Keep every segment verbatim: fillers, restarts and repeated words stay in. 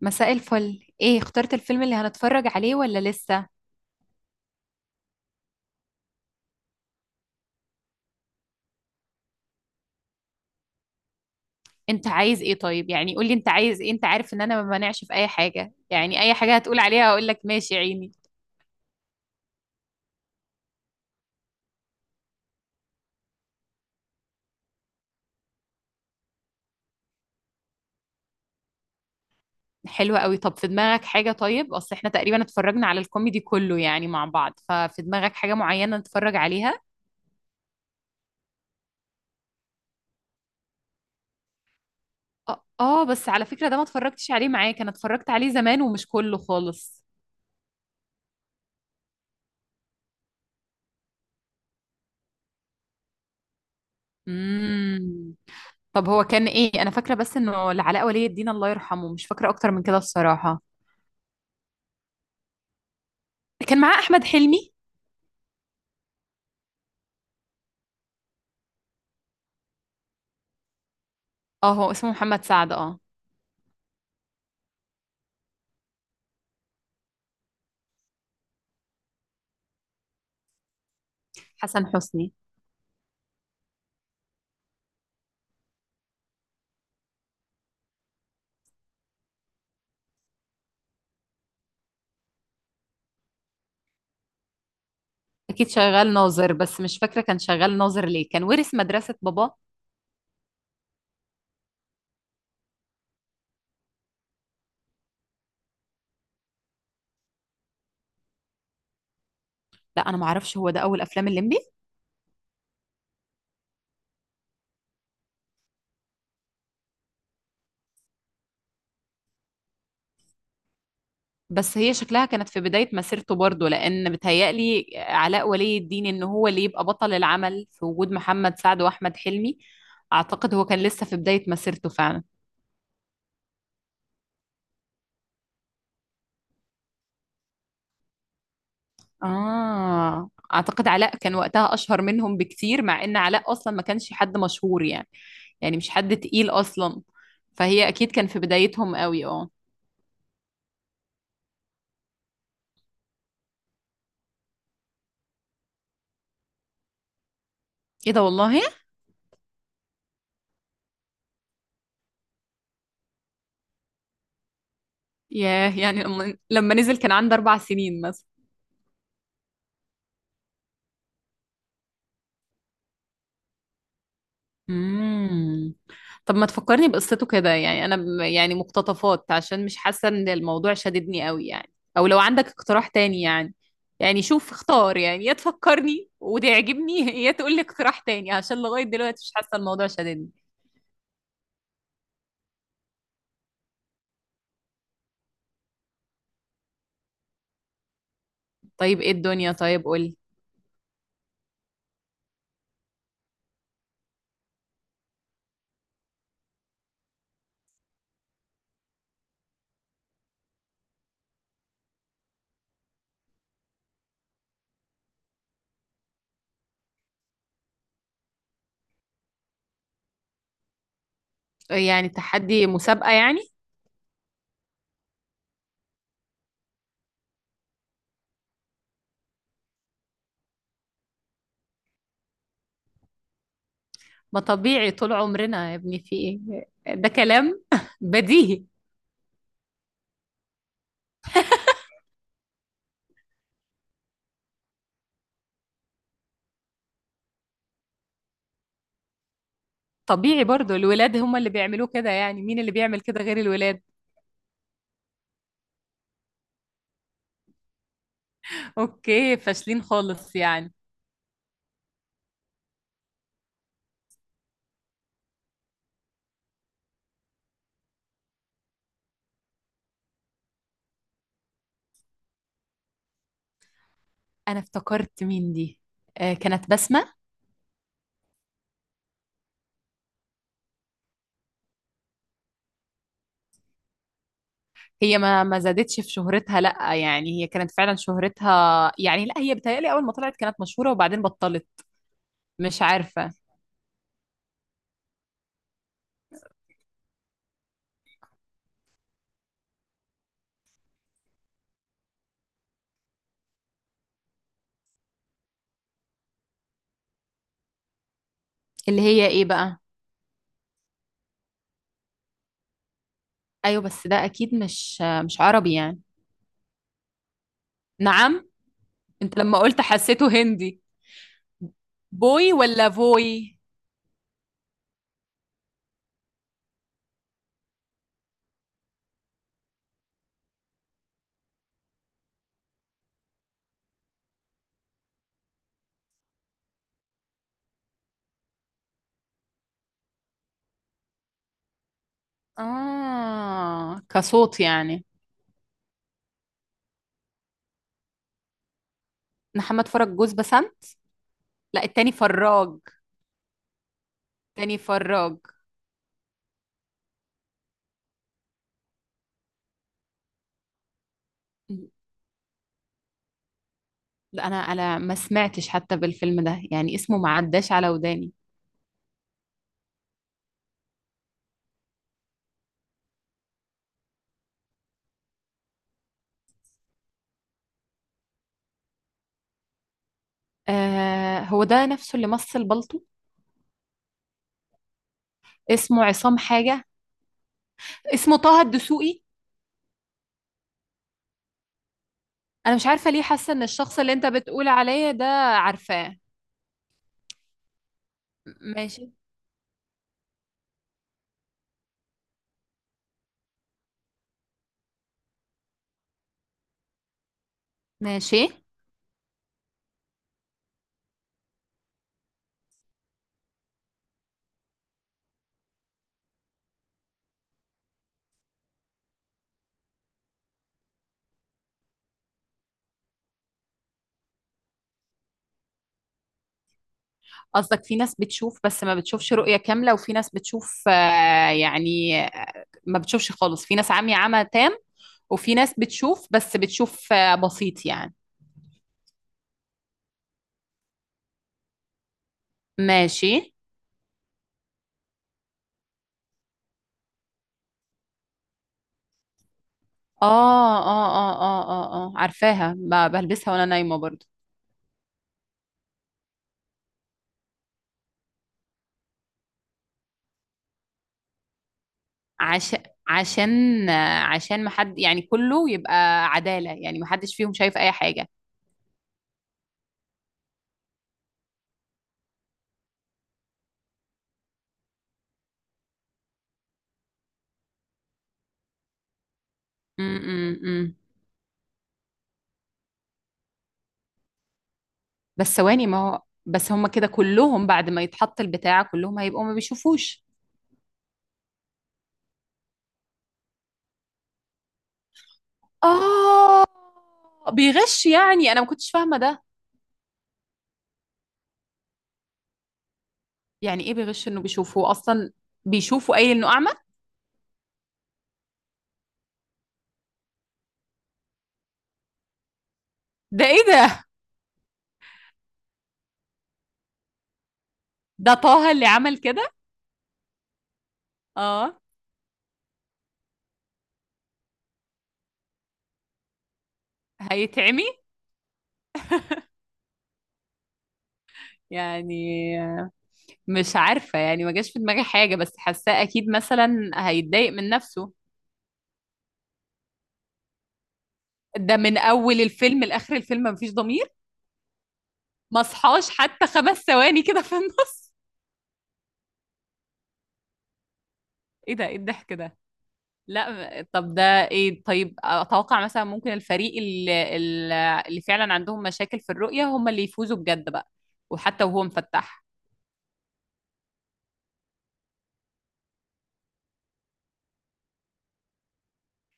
مساء الفل. ايه، اخترت الفيلم اللي هنتفرج عليه ولا لسه؟ انت عايز ايه؟ طيب، يعني قولي انت عايز ايه. انت عارف ان انا ما بمانعش في اي حاجة، يعني اي حاجة هتقول عليها هقول لك ماشي يا عيني. حلوة قوي. طب في دماغك حاجة؟ طيب اصل احنا تقريبا اتفرجنا على الكوميدي كله يعني مع بعض، ففي دماغك حاجة معينة نتفرج عليها؟ اه. آه، بس على فكرة ده ما اتفرجتش عليه معاك، انا اتفرجت عليه زمان ومش كله خالص. امم. طب هو كان ايه؟ انا فاكرة بس انه العلاء ولي الدين، الله يرحمه، مش فاكرة اكتر من كده الصراحة. كان معاه احمد حلمي. اه، هو اسمه محمد سعد، اه. حسن حسني. اكيد شغال ناظر، بس مش فاكره كان شغال ناظر ليه. كان ورث مدرسه بابا. لا، انا ما اعرفش، هو ده اول افلام الليمبي؟ بس هي شكلها كانت في بدايه مسيرته برضه، لان بتهيألي علاء ولي الدين ان هو اللي يبقى بطل العمل في وجود محمد سعد واحمد حلمي. اعتقد هو كان لسه في بدايه مسيرته فعلا. آه، أعتقد علاء كان وقتها أشهر منهم بكتير، مع إن علاء أصلا ما كانش حد مشهور يعني. يعني مش حد تقيل أصلا. فهي أكيد كان في بدايتهم قوي، اه. إيه ده والله. ياه، يعني لما لما نزل كان عنده أربع سنين مثلا. امم. طب ما تفكرني بقصته كده، يعني انا ب- يعني مقتطفات، عشان مش حاسه ان الموضوع شددني قوي يعني. او لو عندك اقتراح تاني يعني. يعني شوف، اختار، يعني يا تفكرني وتعجبني يا تقول لي اقتراح تاني، عشان لغايه دلوقتي مش حاسه الموضوع شددني. طيب ايه الدنيا؟ طيب قول. يعني تحدي مسابقه يعني؟ ما طبيعي طول عمرنا يا ابني. في ايه ده كلام بديهي. طبيعي برضو، الولاد هم اللي بيعملوه كده. يعني مين اللي بيعمل كده غير الولاد؟ اوكي، فاشلين خالص يعني. انا افتكرت مين دي. آه، كانت بسمة. هي ما ما زادتش في شهرتها. لا يعني، هي كانت فعلا شهرتها يعني، لا هي بتهيألي اول ما طلعت كانت مشهورة وبعدين بطلت. مش عارفة. اللي هي ايه بقى؟ ايوه، بس ده اكيد مش آه، مش عربي يعني. نعم؟ انت لما قلت حسيته هندي. بوي ولا فوي؟ اه، كصوت يعني. محمد فرج جوز بسام؟ لا، التاني فراج. تاني فراج. لا، انا انا ما سمعتش حتى بالفيلم ده، يعني اسمه ما عداش على وداني. آه، هو ده نفسه اللي مثل بالطو. اسمه عصام حاجة. اسمه طه الدسوقي. انا مش عارفة ليه حاسة ان الشخص اللي انت بتقول عليه ده. عارفاه. ماشي. ماشي. قصدك في ناس بتشوف بس ما بتشوفش رؤية كاملة، وفي ناس بتشوف، آه يعني آه، ما بتشوفش خالص، في ناس عمي، عمى تام. وفي ناس بتشوف، بس بتشوف آه، بسيط يعني. ماشي. اه، اه، اه، اه، اه، اه، عارفاها. ب- بلبسها وانا نايمة برضو. عشان عشان عشان ما حد يعني، كله يبقى عدالة يعني، ما حدش فيهم شايف اي حاجة. امم. بس ثواني، ما هو بس هما كده كلهم بعد ما يتحط البتاع كلهم هيبقوا ما بيشوفوش. اه، بيغش يعني. انا ما كنتش فاهمة ده. يعني ايه بيغش انه بيشوفه اصلا؟ بيشوفه قايل انه اعمى. ده ايه ده؟ ده طه اللي عمل كده؟ اه. هيتعمي؟ يعني مش عارفة، يعني ما جاش في دماغي حاجة، بس حاساه أكيد مثلا هيتضايق من نفسه. ده من أول الفيلم لآخر الفيلم مفيش ضمير؟ ما صحاش حتى خمس ثواني كده في النص؟ إيه ده؟ إيه الضحك ده؟ لا. م- طب ده. إيه؟ طيب أتوقع مثلا ممكن الفريق اللي, اللي فعلا عندهم مشاكل في الرؤية هم اللي يفوزوا بجد بقى. وحتى وهو مفتح.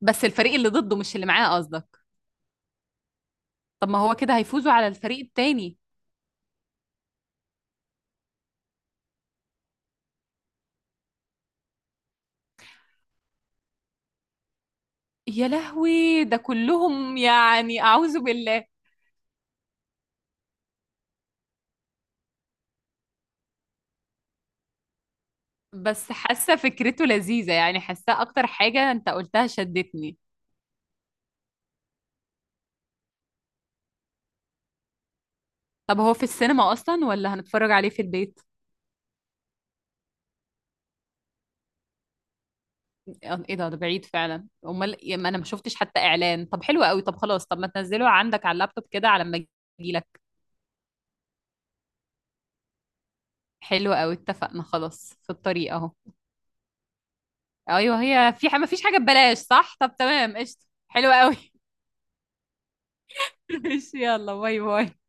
بس الفريق اللي ضده مش اللي معاه قصدك؟ طب ما هو كده هيفوزوا على الفريق التاني. يا لهوي، ده كلهم يعني، أعوذ بالله. بس حاسه فكرته لذيذه يعني. حاسه اكتر حاجه انت قلتها شدتني. طب هو في السينما اصلا ولا هنتفرج عليه في البيت؟ ايه ده ده بعيد فعلا. امال إيه، ما انا ما شفتش حتى اعلان. طب حلو قوي. طب خلاص، طب ما تنزله عندك على اللابتوب كده على ما اجيلك. حلو قوي، اتفقنا، خلاص في الطريق اهو. ايوه، هي في ح- ما فيش حاجه ببلاش، صح؟ طب تمام، قشطه، حلو قوي. ماشي، يلا باي باي.